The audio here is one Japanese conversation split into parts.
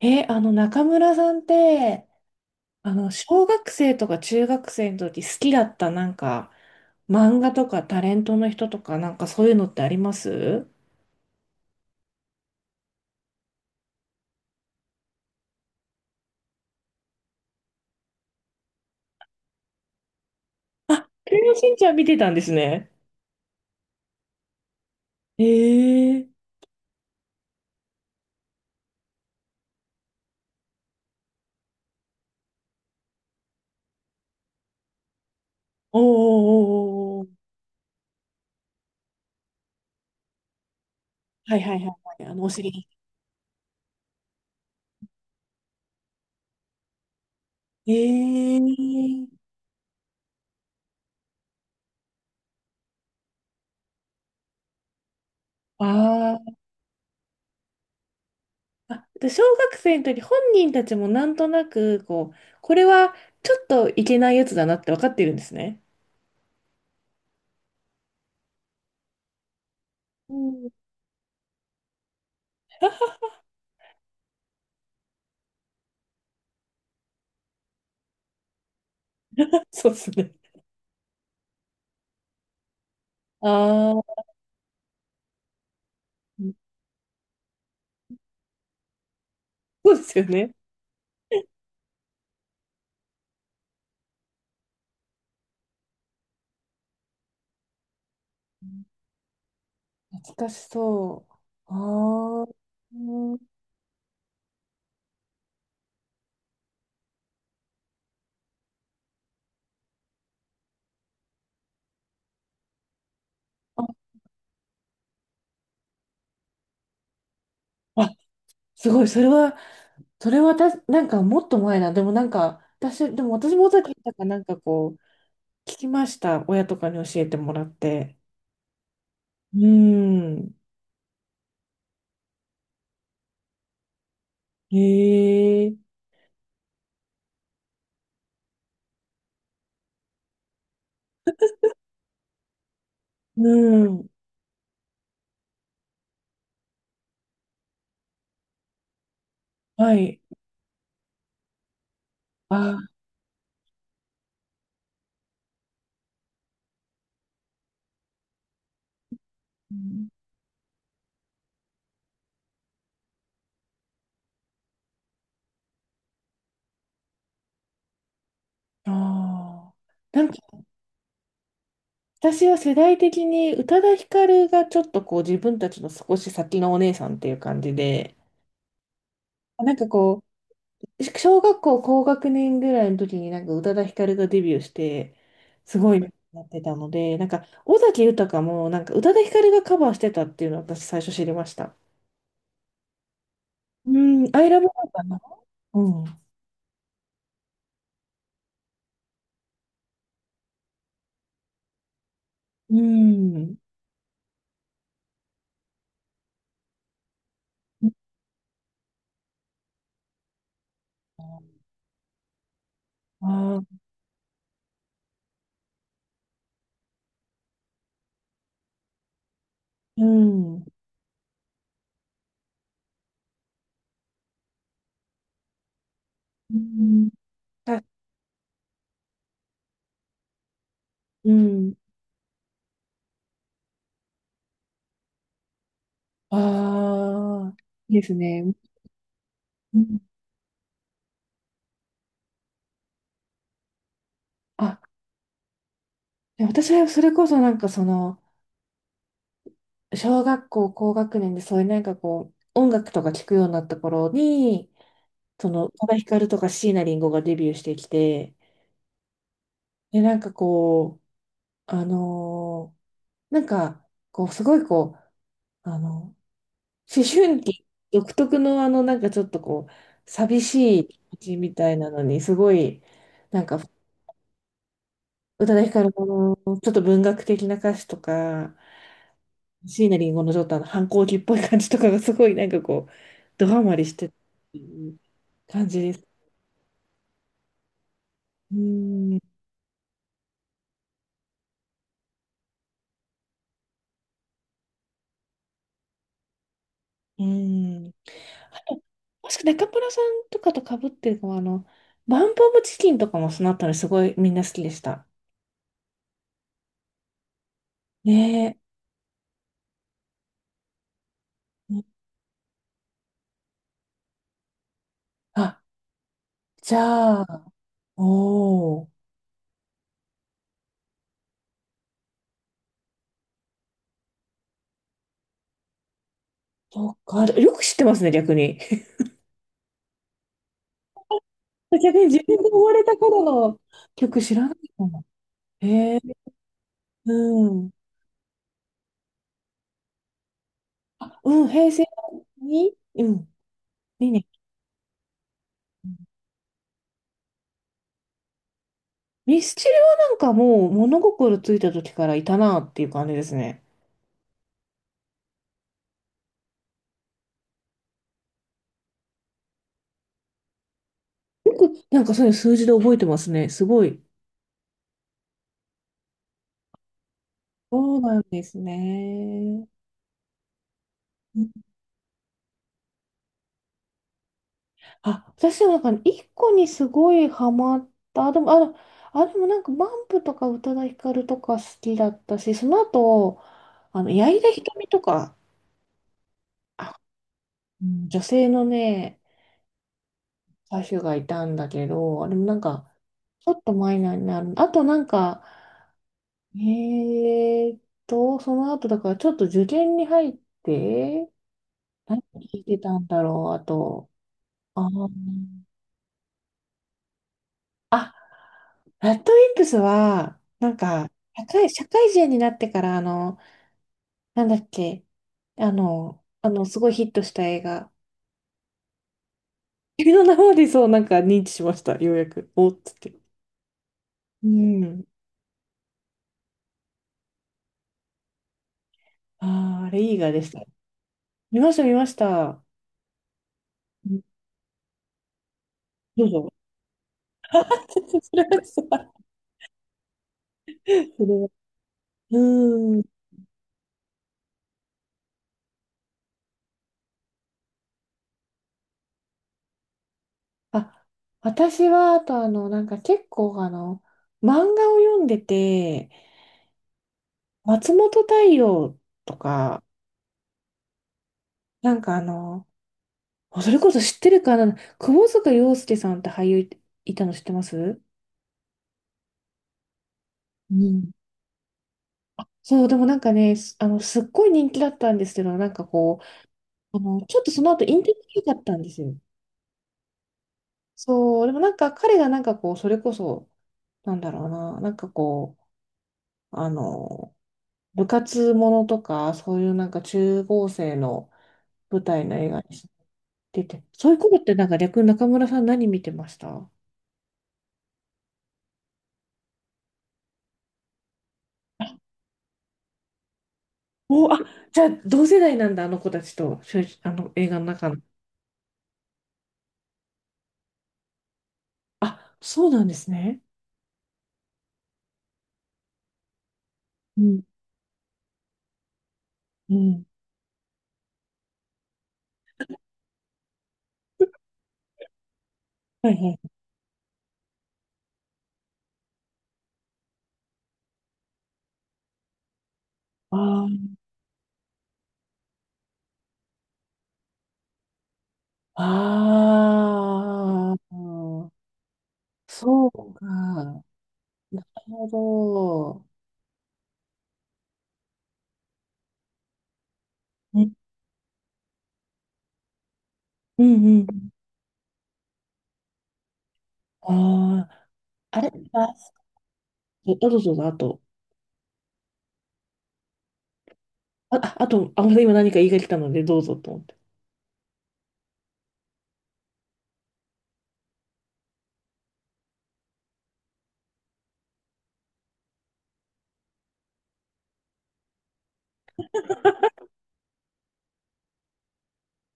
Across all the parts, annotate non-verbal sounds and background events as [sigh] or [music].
え、あの、中村さんって、小学生とか中学生の時好きだった漫画とかタレントの人とかなんかそういうのってあります？あ、クレヨンしんちゃん見てたんですね。ええ。おーおーおーおー。はいはいはいはい、お尻。ええ。あー。あ、で小学生の時本人たちもなんとなく、こう、これはちょっといけないやつだなって分かってるんですね。うん。 [laughs] そうですね。ああ。そうですよね。懐かしそう。あー。うん。あ、あ、すごい。それは、それはた、なんかもっと前な。でもなんか、私、でも私も尾崎たかなんかこう、聞きました。親とかに教えてもらって。うん。へえ。うん。はい。あ、うん。あー。なんか、私は世代的に宇多田ヒカルがちょっとこう、自分たちの少し先のお姉さんっていう感じで、なんかこう、小学校高学年ぐらいの時になんか宇多田ヒカルがデビューして、すごいなってたので、なんか尾崎豊もなんか宇多田ヒカルがカバーしてたっていうのを私最初知りました。うん、アイラブかな。うん。うん。ああ。うん。うん。あ、うん。ああ、いいですね。うん。あ、で私はそれこそ小学校高学年でそういう音楽とか聴くようになった頃に、その、宇多田ヒカルとか椎名林檎がデビューしてきて、で、なんかこう、あのーなんか、こう、すごいこう、あの、思春期独特のあの、なんかちょっとこう、寂しい気持ちみたいなのに、すごい、なんか、宇多田ヒカルのちょっと文学的な歌詞とか、椎名林檎のちょっとあの反抗期っぽい感じとかがすごいなんかこう、ドハマりしてるっていう感じです。うーん、うーん。[laughs] もしくは中村さんとかと被ってるのは、あの、バンプオブチキンとかもそのあたりすごいみんな好きでした。ね。え。あ、じゃあ、おー、そっか。よく知ってますね、逆に。[laughs] 逆に自分で生まれた頃の曲知らないかも。へえ、うん。うん、平成に、うん、にねん。ミスチルはなんかもう物心ついた時からいたなっていう感じですね。よくなんかそういう数字で覚えてますね。すごい。そうなんですね。あ、私はなんか一個にすごいハマった。でも、あ、あ、でもなんかバンプとか宇多田ヒカルとか好きだったし、その後、あの、矢井田瞳とか、あ、うん、女性のね、歌手がいたんだけど、あれもなんか、ちょっとマイナーになる。あとなんか、えーっその後だからちょっと受験に入って、何聞いてたんだろう、あと、あー、ラッドウィンプスは、なんか、社会、社会人になってから、あの、なんだっけ、あの、すごいヒットした映画。[laughs] 君の名はでそう、なんか認知しました、ようやく。おっつって。うん。ああ、あれ、いい映画でした。見ました、見ました。うん。どうぞ。[laughs] それはさ、それは、うん。あ、私は、あと、結構、あの、漫画を読んでて、松本太陽とか、なんかあの、あそれこそ知ってるかな、窪塚洋介さんって俳優いたの知ってます？うん。そう、でもなんかね、すあの、すっごい人気だったんですけど、ちょっとその後引退できなかったんですよ。そう、でもなんか彼がなんかこう、それこそ、なんだろうな、う、あの、部活ものとか、そういうなんか中高生の舞台の映画に出て、そういうことってなんか逆に中村さん何見てました？お、あ、じゃあ、同世代なんだ、あの子たちと、しゅあの、映画の中の。あ、そうなんですね。うん、うん。はいはい。あーあー、そうか。なるほど。ね。うんうん。ああ、あれ、あ、えあどうぞどうぞ、あと。あ、ああと、あ、また今何か言いが来たので、どうぞと思って。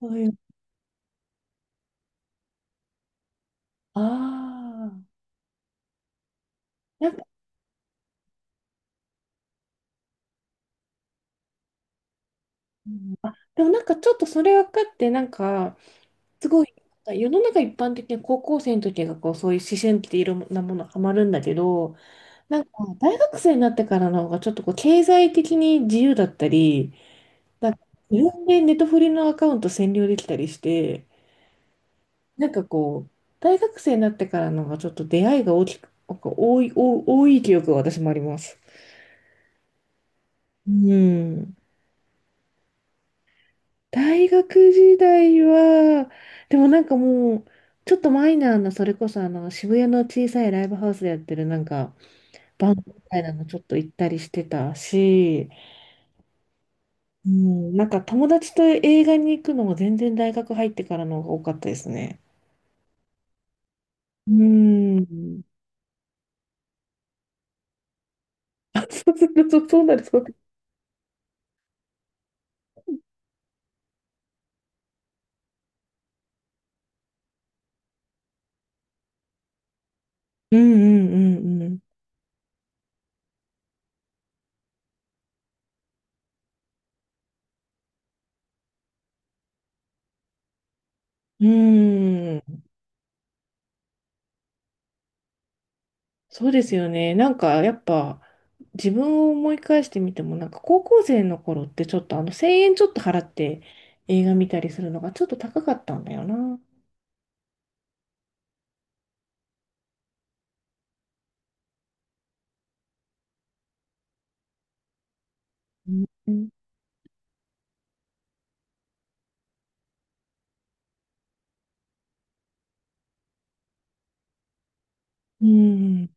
そういう。ああ、なんか、うん、あ、でもなんかちょっとそれ分かって、なんか、すごい、世の中一般的には高校生の時がこうそういう思春期でいろんなものハマるんだけど、なんか大学生になってからの方がちょっとこう経済的に自由だったり、なんか自分でネトフリのアカウント占領できたりして、なんかこう、大学生になってからの方がちょっと出会いが大きく、なんか多い記憶が私もあります。うん。大学時代は、でもなんかもう、ちょっとマイナーな、それこそあの渋谷の小さいライブハウスでやってるなんか、バンドみたいなのちょっと行ったりしてたし、うん、なんか友達と映画に行くのも全然大学入ってからの方が多かったですね。うん。あ、そうすると、そうなる。うんうんうんうん。うん。そうですよね。なんかやっぱ自分を思い返してみても、なんか高校生の頃ってちょっとあの1000円ちょっと払って映画見たりするのがちょっと高かったんだよな。うん。うん